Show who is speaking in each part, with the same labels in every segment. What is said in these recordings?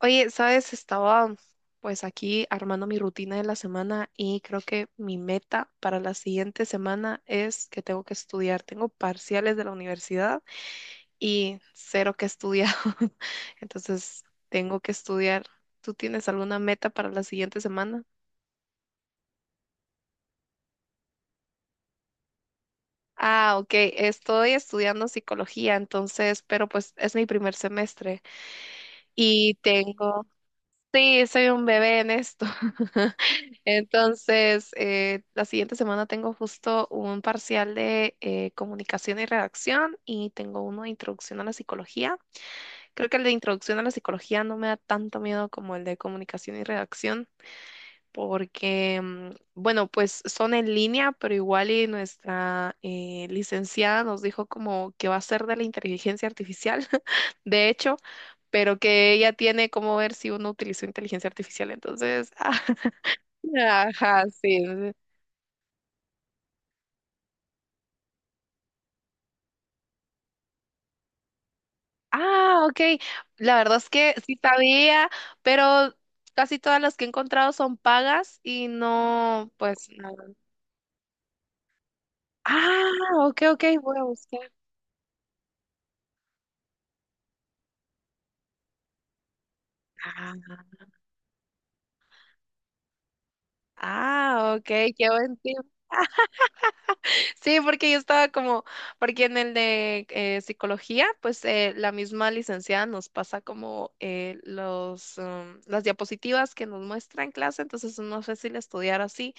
Speaker 1: Oye, sabes, estaba pues aquí armando mi rutina de la semana y creo que mi meta para la siguiente semana es que tengo que estudiar. Tengo parciales de la universidad y cero que estudiar. Entonces, tengo que estudiar. ¿Tú tienes alguna meta para la siguiente semana? Ah, ok, estoy estudiando psicología, entonces, pero pues es mi primer semestre y tengo, sí, soy un bebé en esto. Entonces, la siguiente semana tengo justo un parcial de comunicación y redacción y tengo uno de introducción a la psicología. Creo que el de introducción a la psicología no me da tanto miedo como el de comunicación y redacción porque, bueno, pues son en línea, pero igual y nuestra licenciada nos dijo como que va a ser de la inteligencia artificial, de hecho, pero que ella tiene como ver si uno utilizó inteligencia artificial. Entonces, ajá, sí, sí, ah, ok. La verdad es que sí sabía, pero casi todas las que he encontrado son pagas y no, pues no. Ah, ok, ok, voy a buscar. Ah, ah, ok, qué buen tip. Sí, porque yo estaba como, porque en el de psicología, pues la misma licenciada nos pasa como las diapositivas que nos muestra en clase, entonces es más fácil estudiar así.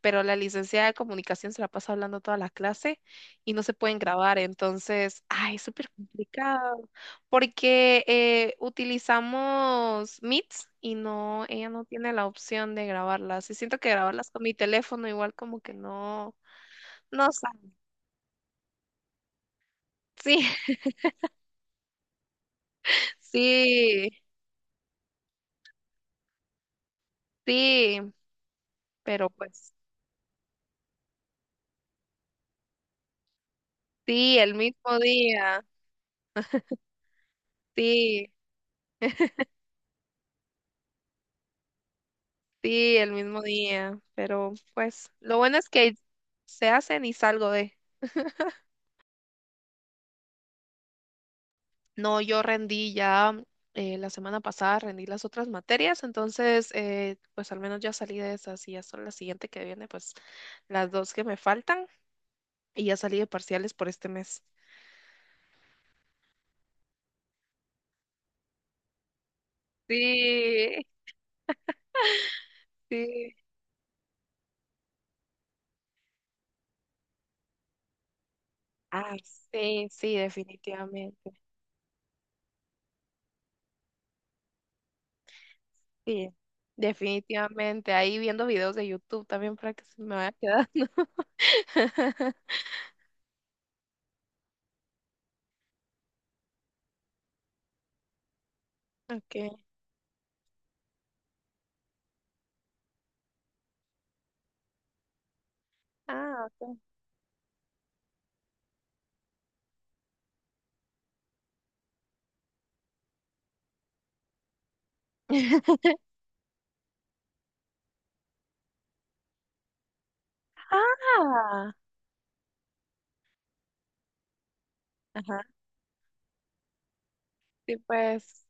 Speaker 1: Pero la licenciada de comunicación se la pasa hablando toda la clase y no se pueden grabar, entonces, ay, es súper complicado, porque utilizamos Meets y no, ella no tiene la opción de grabarlas, y siento que grabarlas con mi teléfono igual como que no, no sale, sí, sí, sí, pero pues, sí, el mismo día, sí. Sí, el mismo día, pero pues lo bueno es que se hacen y salgo de. No, yo rendí ya la semana pasada, rendí las otras materias, entonces pues al menos ya salí de esas y ya son la siguiente que viene, pues las dos que me faltan y ya salí de parciales por este mes. Sí, sí. Ay, sí, sí. Definitivamente, ahí viendo videos de YouTube también para que se me vaya quedando. Okay. Ah, ok. Ah, ajá, sí, pues,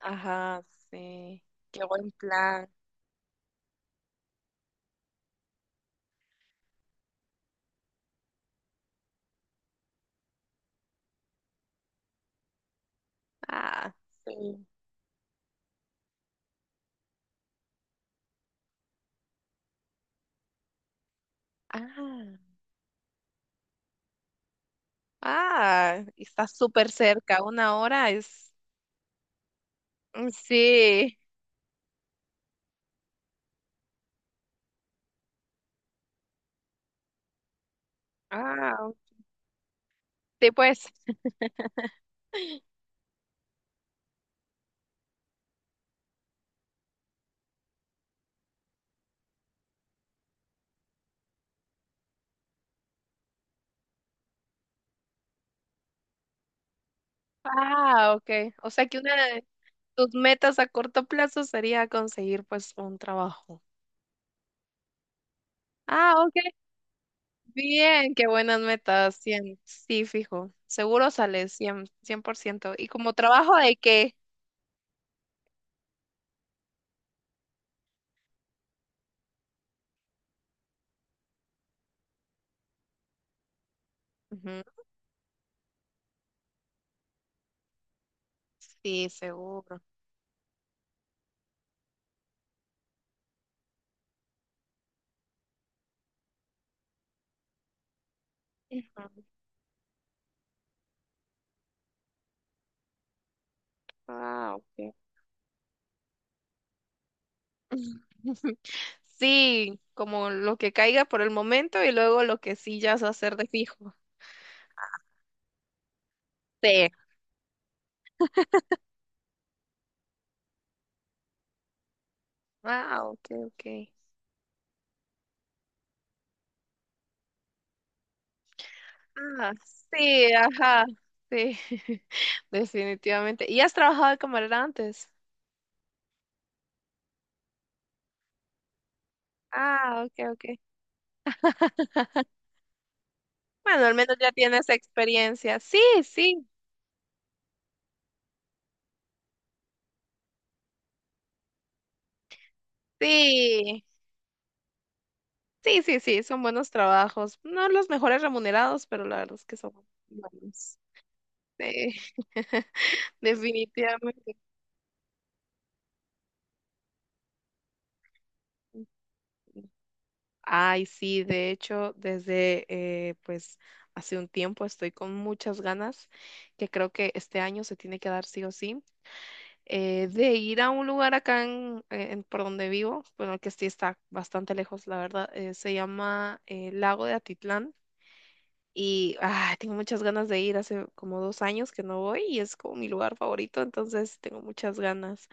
Speaker 1: ajá, sí, qué buen plan. Ah, sí. Ah, ah, está súper cerca, una hora es. Mm, sí, ah, sí, pues, ah, ok. O sea que una de tus metas a corto plazo sería conseguir pues un trabajo. Ah, ok, bien, qué buenas metas. 100, sí, fijo, seguro sales cien, 100%. ¿Y como trabajo de qué? Ujú, sí, seguro. Ujú. Ah, ok. Sí, como lo que caiga por el momento y luego lo que sí ya se va a hacer de fijo. Sí. Ah, ok, ok. Ah, sí, ajá, sí, definitivamente. ¿Y has trabajado de camarera antes? Ah, ok, ok. Bueno, al menos ya tienes experiencia. Sí, sí, sí, sí, sí, sí, son buenos trabajos. No los mejores remunerados, pero la verdad es que son buenos. Sí, definitivamente. Ay, sí, de hecho, desde pues hace un tiempo estoy con muchas ganas, que creo que este año se tiene que dar sí o sí, de ir a un lugar acá en, por donde vivo, bueno, que sí está bastante lejos, la verdad, se llama Lago de Atitlán y ay, tengo muchas ganas de ir, hace como 2 años que no voy y es como mi lugar favorito, entonces tengo muchas ganas.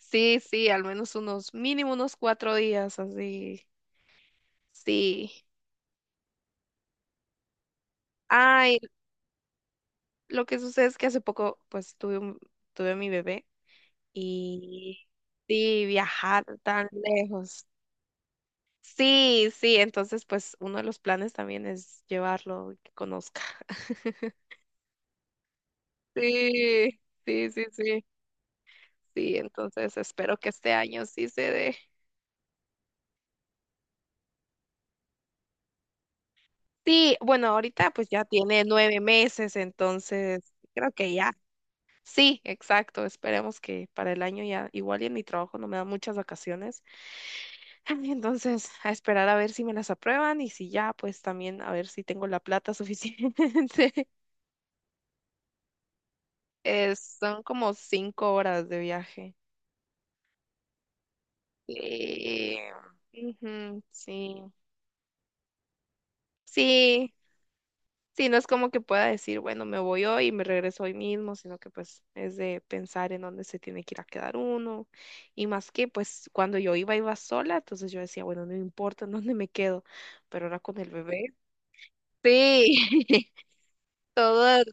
Speaker 1: Sí, sí, al menos unos, mínimo unos 4 días, así. Sí. Ay, lo que sucede es que hace poco, pues, tuve mi bebé y sí, viajar tan lejos. Sí, sí, entonces, pues, uno de los planes también es llevarlo y que conozca. Sí, sí, sí, sí, sí, entonces espero que este año sí se dé. Sí, bueno, ahorita pues ya tiene 9 meses, entonces creo que ya. Sí, exacto. Esperemos que para el año ya, igual y en mi trabajo no me dan muchas vacaciones. Ay, entonces, a esperar a ver si me las aprueban y si ya, pues también a ver si tengo la plata suficiente. Son como 5 horas de viaje. Sí. Ujú, sí. Sí, sí, no es como que pueda decir, bueno, me voy hoy y me regreso hoy mismo, sino que pues es de pensar en dónde se tiene que ir a quedar uno. Y más que pues cuando yo iba, iba sola, entonces yo decía, bueno, no me importa en dónde me quedo, pero ahora con el bebé, sí, todo.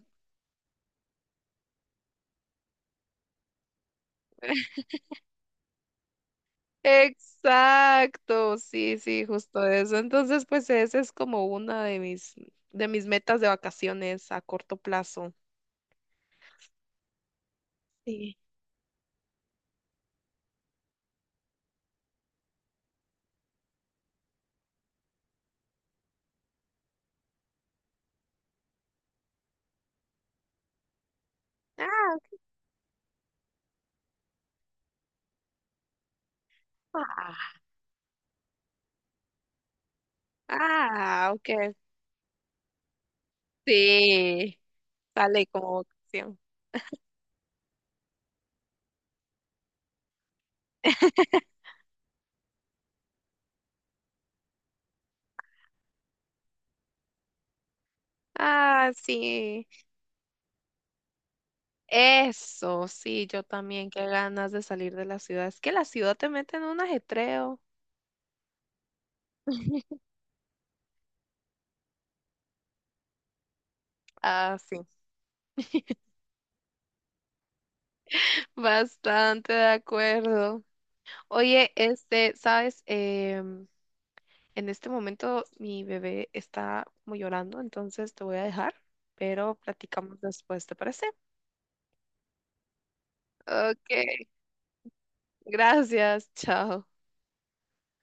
Speaker 1: Exacto, sí, sí, justo eso. Entonces, pues esa es como una de mis metas de vacaciones a corto plazo. Sí. Ah, ah, ok. Sí, sale como opción. Ah, sí, eso, sí, yo también, qué ganas de salir de la ciudad. Es que la ciudad te mete en un ajetreo. Ah, sí, bastante de acuerdo. Oye, este, sabes, en este momento mi bebé está como llorando, entonces te voy a dejar, pero platicamos después, ¿te parece? Ok, gracias, chao.